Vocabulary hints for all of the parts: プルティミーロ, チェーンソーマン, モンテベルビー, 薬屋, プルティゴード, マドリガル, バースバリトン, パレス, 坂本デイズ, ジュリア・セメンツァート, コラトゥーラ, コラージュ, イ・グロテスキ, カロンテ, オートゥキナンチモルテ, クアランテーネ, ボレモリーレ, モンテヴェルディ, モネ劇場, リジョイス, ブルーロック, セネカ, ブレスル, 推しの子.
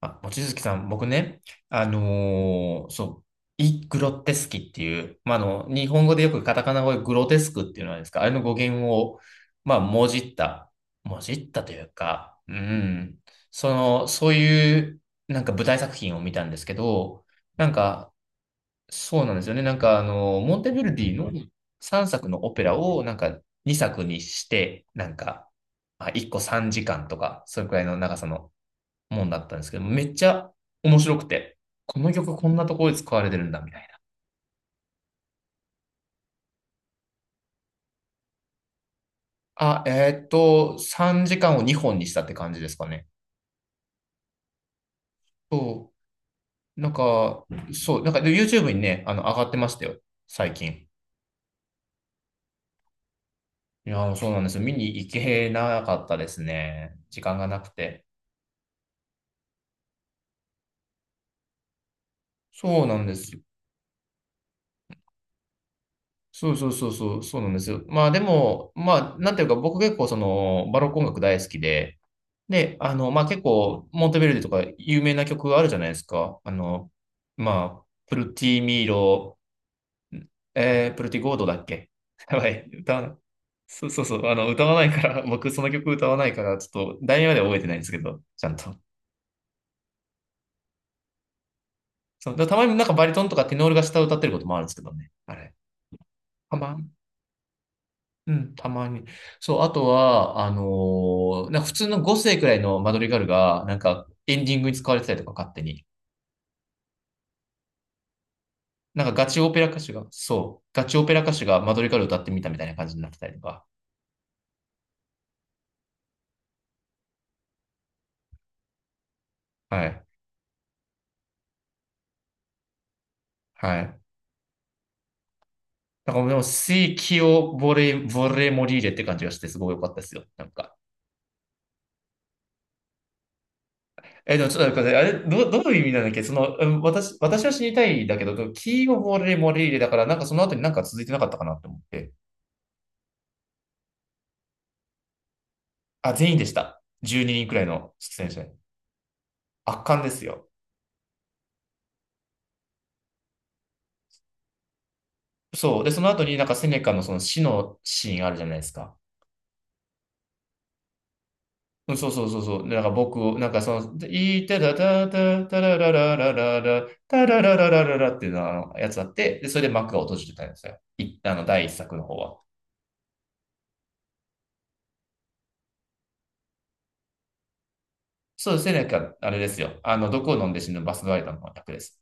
あ、望月さん、僕ね、そう、イ・グロテスキっていう、まあ、日本語でよくカタカナ語でグロテスクっていうのはですか、あれの語源を、まあ、もじったというか、うん、その、そういう、なんか舞台作品を見たんですけど、なんか、そうなんですよね、なんか、モンテヴェルディの3作のオペラを、なんか、2作にして、なんか、まあ、1個3時間とか、それくらいの長さのもんだったんですけど、めっちゃ面白くて、この曲こんなところで使われてるんだみたいな。あ、3時間を2本にしたって感じですかね？そう。なんか、そう、なんかで YouTube にね、上がってましたよ、最近。いやー、そうなんですよ。見に行けなかったですね。時間がなくて。そうなんですよ。そうそうそうそう、そうなんですよ。まあでも、まあ、なんていうか、僕結構その、バロック音楽大好きで、で、まあ、結構、モンテベルデとか有名な曲があるじゃないですか。まあ、プルティミーロ、プルティゴードだっけ やばい、歌わない。そうそうそう、歌わないから、僕その曲歌わないから、ちょっと、題名までは覚えてないんですけど、ちゃんと。そう、だからたまになんかバリトンとかテノールが下を歌ってることもあるんですけどね。あれ。たまに。うん、たまに。そう、あとは、なんか普通の5世くらいのマドリガルが、なんかエンディングに使われてたりとか、勝手に。なんかガチオペラ歌手が、そう、ガチオペラ歌手がマドリカル歌ってみたみたいな感じになってたりとか。はい。はい。なんかでもう、水気をボレ、ボレモリーレって感じがして、すごい良かったですよ。なんか。え、でもちょっと待って、あれ、どういう意味なんだっけその、うん、私は死にたいんだけど、キーをボレモリーレだから、なんかその後になんか続いてなかったかなって思って。あ、全員でした。12人くらいの出演者。圧巻ですよ。そう。で、その後になんかセネカのその死のシーンあるじゃないですか。うんそうそうそうそう。でなんか僕を、なんかその、いたたたたたらららららら、たららららららっていうのはあのやつあって、で、それで幕が閉じてたんですよ。あの、第1作の方は。そうですね、なんか、あれですよ。毒を飲んで死ぬバスガイドの方が楽です。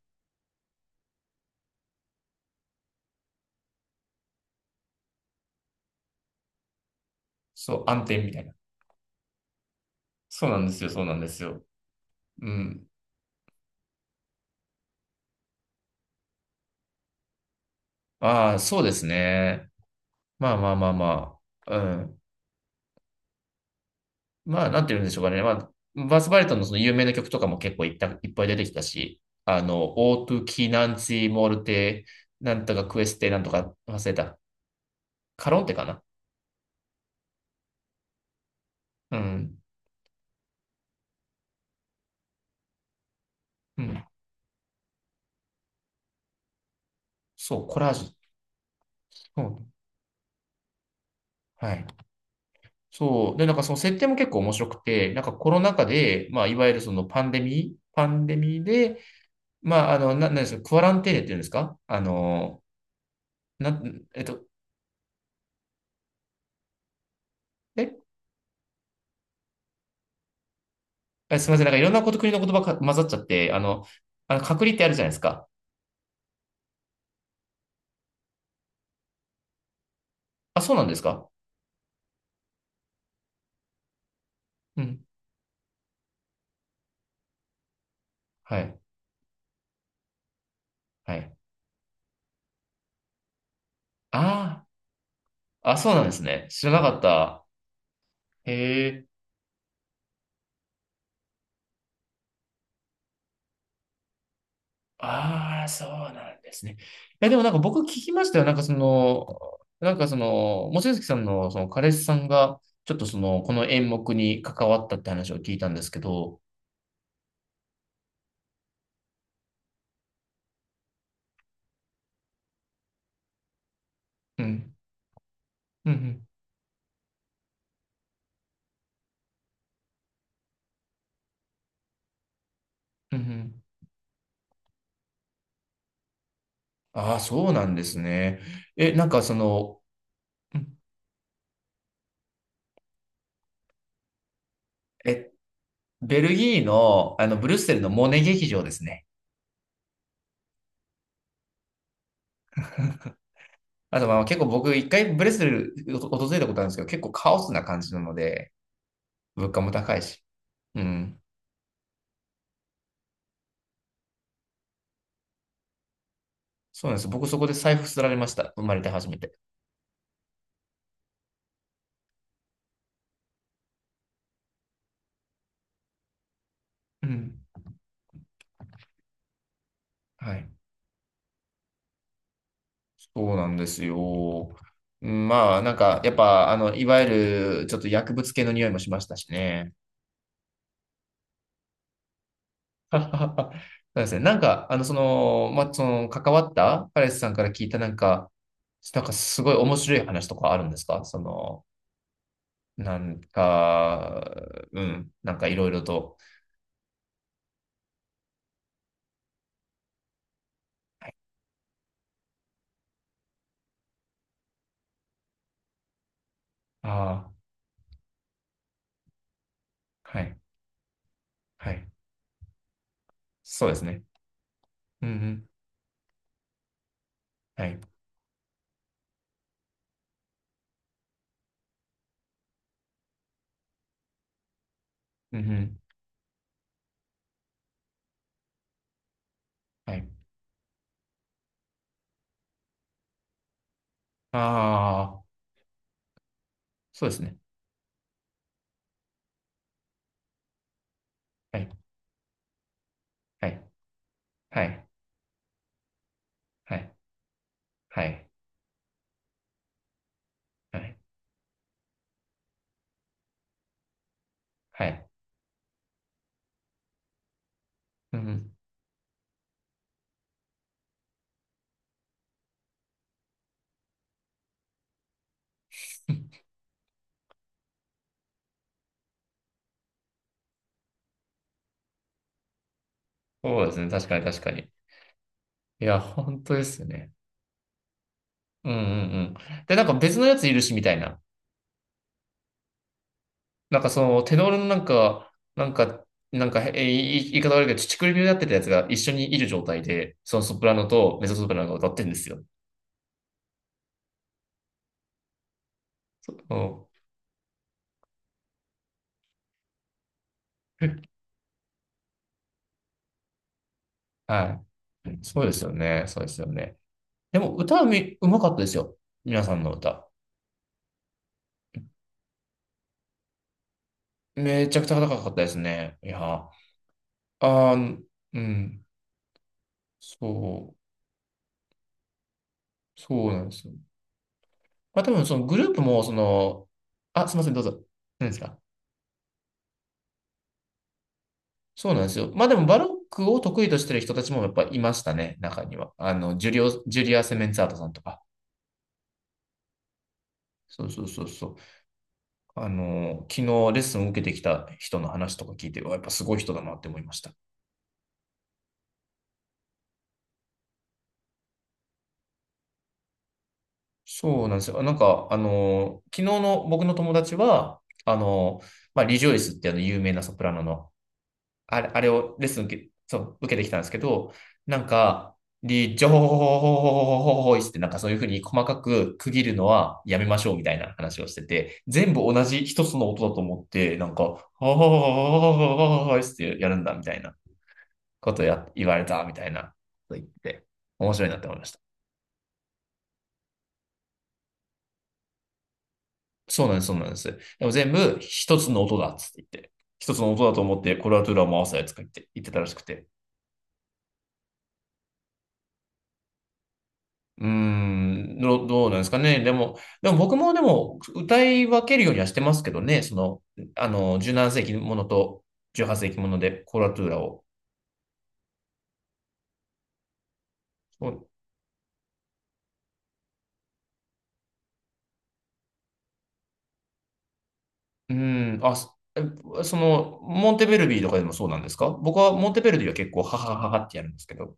そう、暗転みたいな。そうなんですよ、そうなんですよ。うん。ああ、そうですね。まあまあまあまあ。うん。まあ、なんて言うんでしょうかね。まあ、バースバリトンのその有名な曲とかも結構いっぱい出てきたし、オートゥキナンチモルテ、なんとかクエステ、なんとか忘れた。カロンテかな。うん。うん。そう、コラージュ。うん。はい。そう。で、なんかその設定も結構面白くて、なんかコロナ禍で、まあ、いわゆるそのパンデミー、パンデミーで、まあ、なんですか、クアランテーネって言うんですか？あの、な、えっと、え、あすみません。なんかいろんなこと、国の言葉が混ざっちゃって、あの隔離ってあるじゃないですか。あ、そうなんですか？うん。はい。はい。ああ、あ、そうなんですね。知らなかった。へえ。ああ、そうなんですね。え、でもなんか僕聞きましたよ。なんかその、なんかその、望月さんのその彼氏さんが、ちょっとその、この演目に関わったって話を聞いたんですけど、うん。うんうん。うんうん。ああ、そうなんですね。え、なんかその、うん、え、ベルギーの、ブリュッセルのモネ劇場ですね。あとまあ結構僕1回ブレスル訪れたことあるんですけど、結構カオスな感じなので、物価も高いし。うん。そうなんです。僕そこで財布すられました。生まれて初めて。うん。はい。そうなんですよ。うん、まあなんかやっぱあの、いわゆるちょっと薬物系の匂いもしましたしね。そうですね。なんか、まあ、その、関わったパレスさんから聞いたなんか、なんかすごい面白い話とかあるんですか？その、なんか、うん、なんかいろいろと。はい、ああ、はい、はい。そうですね。うんうん、はい、うんうん、はい。ああ、そうですね。はい、はい、はい、はい、はい、はい、はい。うんうん、そうですね。確かに確かに。いや、本当ですよね。うんうんうん。で、なんか別のやついるし、みたいな。なんかその、テノールのなんか、なんか、なんか、言い方悪いけど、乳首病になってたやつが一緒にいる状態で、そのソプラノとメゾソプラノが歌ってるんですよ。うん。はい。そうですよね。そうですよね。でも、歌はみ、うまかったですよ。皆さんの歌。めちゃくちゃ高かったですね。いや、あー、うん。そう、そうなんですよ。まあ、多分、そのグループも、その、あ、すいません、どうぞ。何ですか？そうなんですよ。まあでも、バロックを得意としてる人たちもやっぱいましたね、中には。あの、ジュリア・セメンツァートさんとか。そうそうそうそう。昨日レッスンを受けてきた人の話とか聞いて、うわやっぱすごい人だなって思いました。そうなんですよ。なんか、昨日の僕の友達は、まあ、リジョイスってあの有名なソプラノの、あれをレッスン受け、そう、受けてきたんですけど、なんか、リジョイスってなんかそういうふうに細かく区切るのはやめましょうみたいな話をしてて、全部同じ一つの音だと思って、なんか、ははははははってやるんだみたいなことを言われたみたいなこと言って、面白いなって思いました。そうなんです、そうなんです。でも全部一つの音だっつって言って、一つの音だと思ってコラトゥーラを回すやつか言って言ってたらしくて。うーん、どうなんですかね。でも、でも僕もでも歌い分けるようにはしてますけどね、その、17世紀ものと18世紀ものでコラトゥーラを。そううーん、あ、その、モンテベルビーとかでもそうなんですか？僕はモンテベルビーは結構、ははははってやるんですけど。